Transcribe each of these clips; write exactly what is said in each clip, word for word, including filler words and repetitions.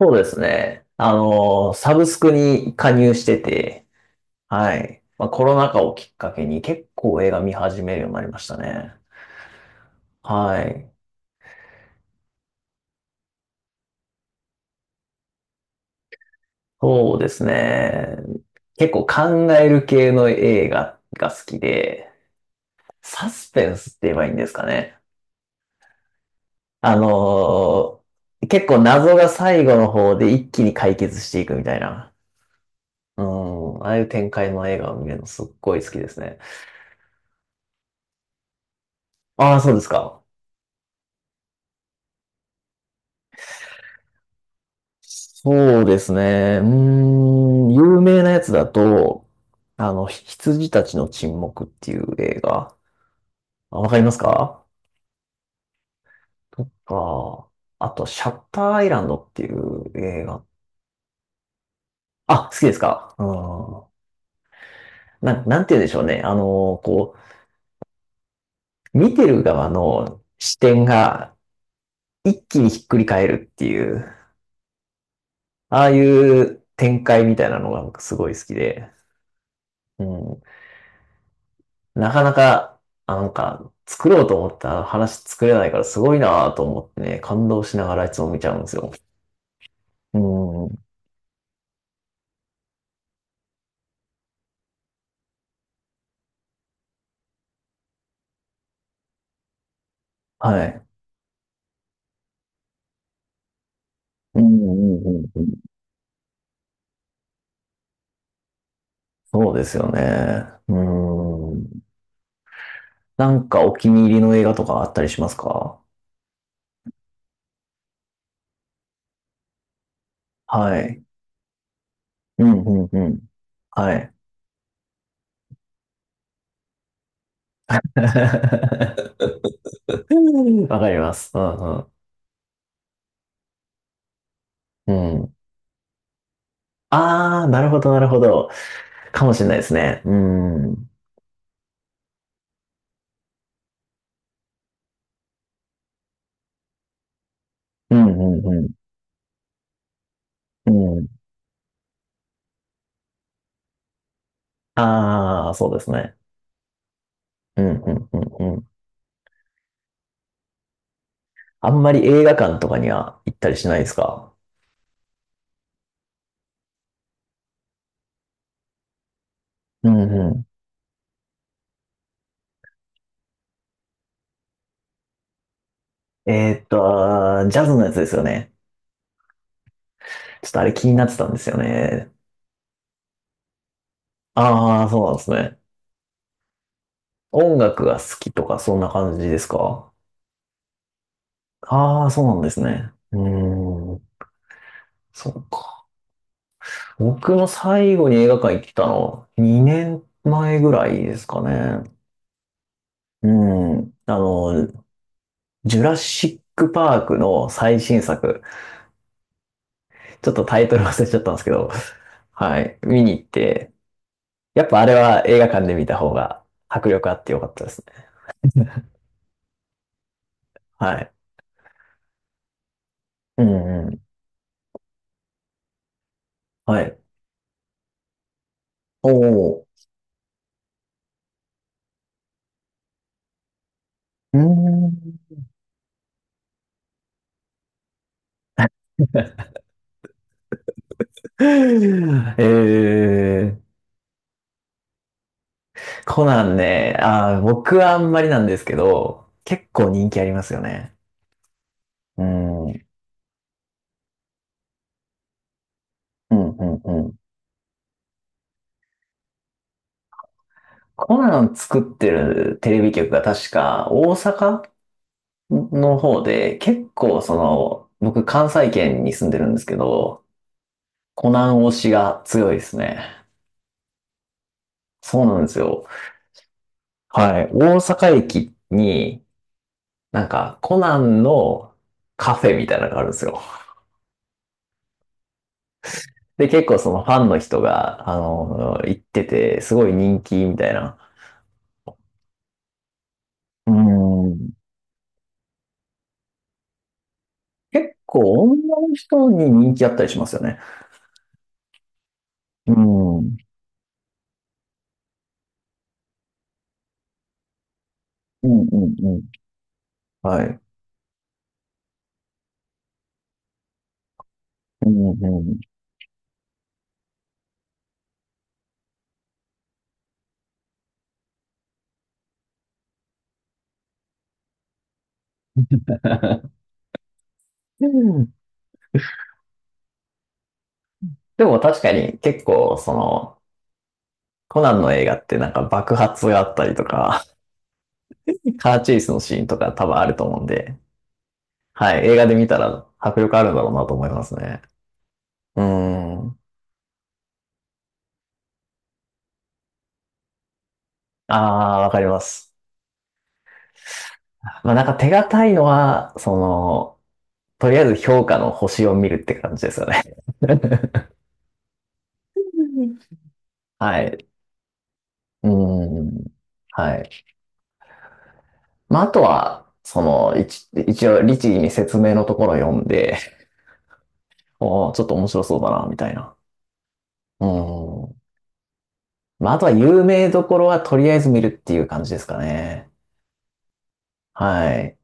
そうですね。あの、サブスクに加入してて、はい。まあ、コロナ禍をきっかけに結構映画見始めるようになりましたね。はい。そうですね。結構考える系の映画が好きで、サスペンスって言えばいいんですかね。あの、結構謎が最後の方で一気に解決していくみたいな。うん。ああいう展開の映画を見るのすっごい好きですね。ああ、そうですか。そうですね。うーん、有名なやつだと、あの、ひ羊たちの沈黙っていう映画。あ、わかりますか？とか、あと、シャッターアイランドっていう映画。あ、好きですか？うん。な、なんて言うんでしょうね。あの、こう、見てる側の視点が一気にひっくり返るっていう、ああいう展開みたいなのが僕すごい好きで。うん。なかなか、あ、なんか、作ろうと思った話作れないからすごいなぁと思ってね、感動しながらいつも見ちゃうんですよ。うん。はい。うんうんうんうん。そうですよね。うん。なんかお気に入りの映画とかあったりしますか？はい。うんうんうん。はい。わかります。うんうん。うん。あー、なるほどなるほど。かもしれないですね。うん。うんうんうん。うん。あー、そうですね。うんうんうんうん。あんまり映画館とかには行ったりしないですか？うんうん。えーっと、あー、ジャズのやつですよね。ちょっとあれ気になってたんですよね。ああ、そうなんですね。音楽が好きとかそんな感じですか？ああー、そうなんですね。うーん、そうか。僕も最後に映画館行ったのにねんまえぐらいですかね。うん。あの、ジュラシックパークの最新作。ちょっとタイトル忘れちゃったんですけど、はい。見に行って、やっぱあれは映画館で見た方が迫力あってよかったですね。はい。うんうん。はい。おー。うーん。えー、コナンね、あー、僕はあんまりなんですけど、結構人気ありますよね。うん。うんうんうん。コナン作ってるテレビ局が確か大阪の方で、結構その、僕関西圏に住んでるんですけど、コナン推しが強いですね。そうなんですよ。はい。大阪駅に、なんか、コナンのカフェみたいなのがあるんですよ。で、結構そのファンの人が、あの、行ってて、すごい人気みたいな。うーん。結構女の人に人気あったりしますよね。うーん。うんうんうん。はい。うんうんうん。でも確かに結構その、コナンの映画ってなんか爆発があったりとか、カーチェイスのシーンとか多分あると思うんで、はい、映画で見たら迫力あるんだろうなと思いますね。うーん。ああ、わかります。まあなんか手堅いのは、その、とりあえず評価の星を見るって感じですよね。はい。うーん。はい。まあ、あとは、その、一、一応、律儀に説明のところを読んで、おー、ちょっと面白そうだな、みたいな。うーん。まあ、あとは有名どころはとりあえず見るっていう感じですかね。はい。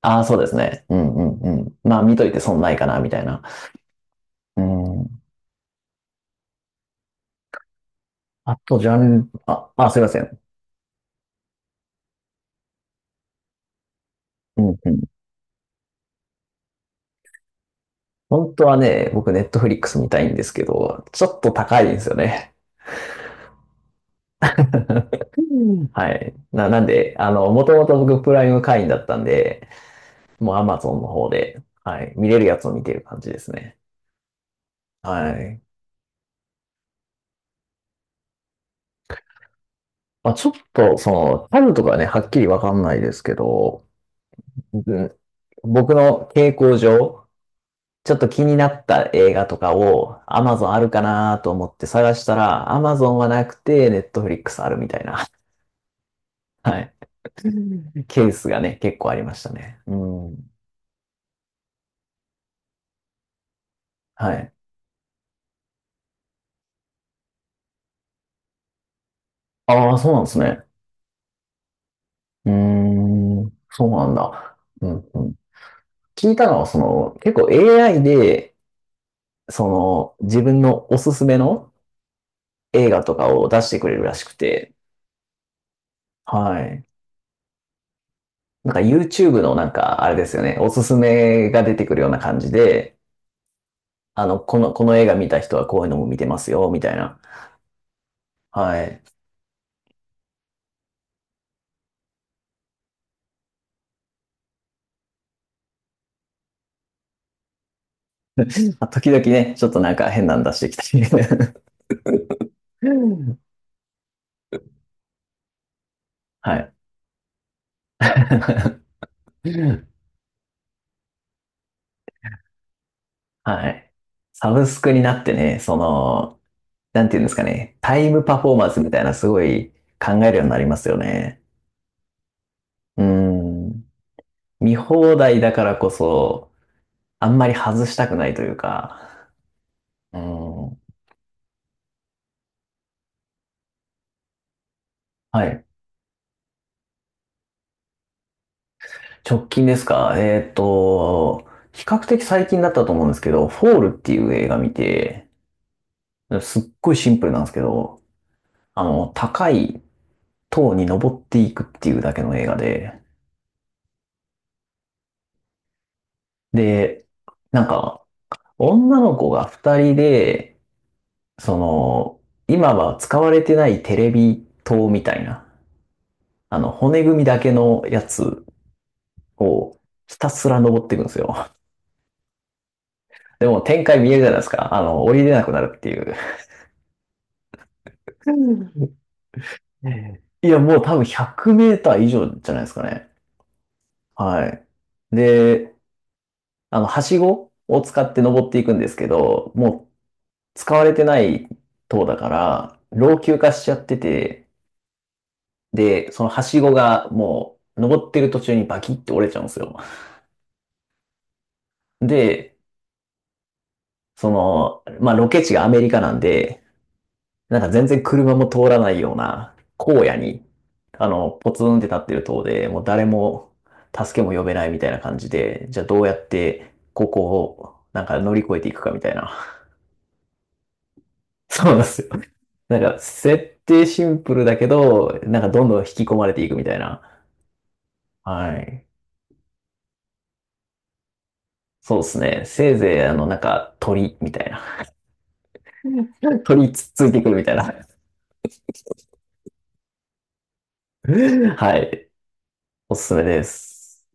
ああ、そうですね。うんうんうん。まあ、見といて損ないかな、みたいな。うん。あと、ジャンル、あ、あ、すいません。うんうん。本当はね、僕、ネットフリックス見たいんですけど、ちょっと高いんですよね。うん、はい。な、なんで、あの、もともと僕、プライム会員だったんで、もう Amazon の方で、はい、見れるやつを見てる感じですね。はい。まあ、ちょっと、その、タルとかね、はっきりわかんないですけど、うん、僕の傾向上、ちょっと気になった映画とかを Amazon あるかなと思って探したら Amazon はなくて Netflix あるみたいな、はい。ケースがね、結構ありましたね。うん。はい。ああ、そうなんですね。うーん。そうなんだ。うんうん。聞いたのは、その、結構 エーアイ で、その、自分のおすすめの映画とかを出してくれるらしくて、はい。なんか YouTube のなんか、あれですよね、おすすめが出てくるような感じで、あの、この、この映画見た人はこういうのも見てますよ、みたいな。はい。まあ時々ね、ちょっとなんか変なん出してきたり。はい。はい。サブスクになってね、その、なんていうんですかね、タイムパフォーマンスみたいなすごい考えるようになりますよね。うん。見放題だからこそ、あんまり外したくないというか。うん。はい。直近ですか？えーっと、比較的最近だったと思うんですけど、フォールっていう映画見て、すっごいシンプルなんですけど、あの、高い塔に登っていくっていうだけの映画で、で、なんか、女の子が二人で、その、今は使われてないテレビ塔みたいな、あの、骨組みだけのやつをひたすら登っていくんですよ。でも展開見えるじゃないですか。あの、降りれなくなるっていう。ええ、いや、もう多分ひゃくメーター以上じゃないですかね。はい。で、あの、はしごを使って登っていくんですけど、もう使われてない塔だから、老朽化しちゃってて、で、そのはしごがもう登ってる途中にバキって折れちゃうんですよ。で、その、まあ、ロケ地がアメリカなんで、なんか全然車も通らないような荒野に、あの、ポツンって立ってる塔で、もう誰も助けも呼べないみたいな感じで、じゃあどうやってここをなんか乗り越えていくかみたいな。そうなんですよ。なんか設定シンプルだけど、なんかどんどん引き込まれていくみたいな。はい。そうですね。せいぜいあの、なんか鳥みたいな。鳥つっついてくるみたいな。はい。おすすめです。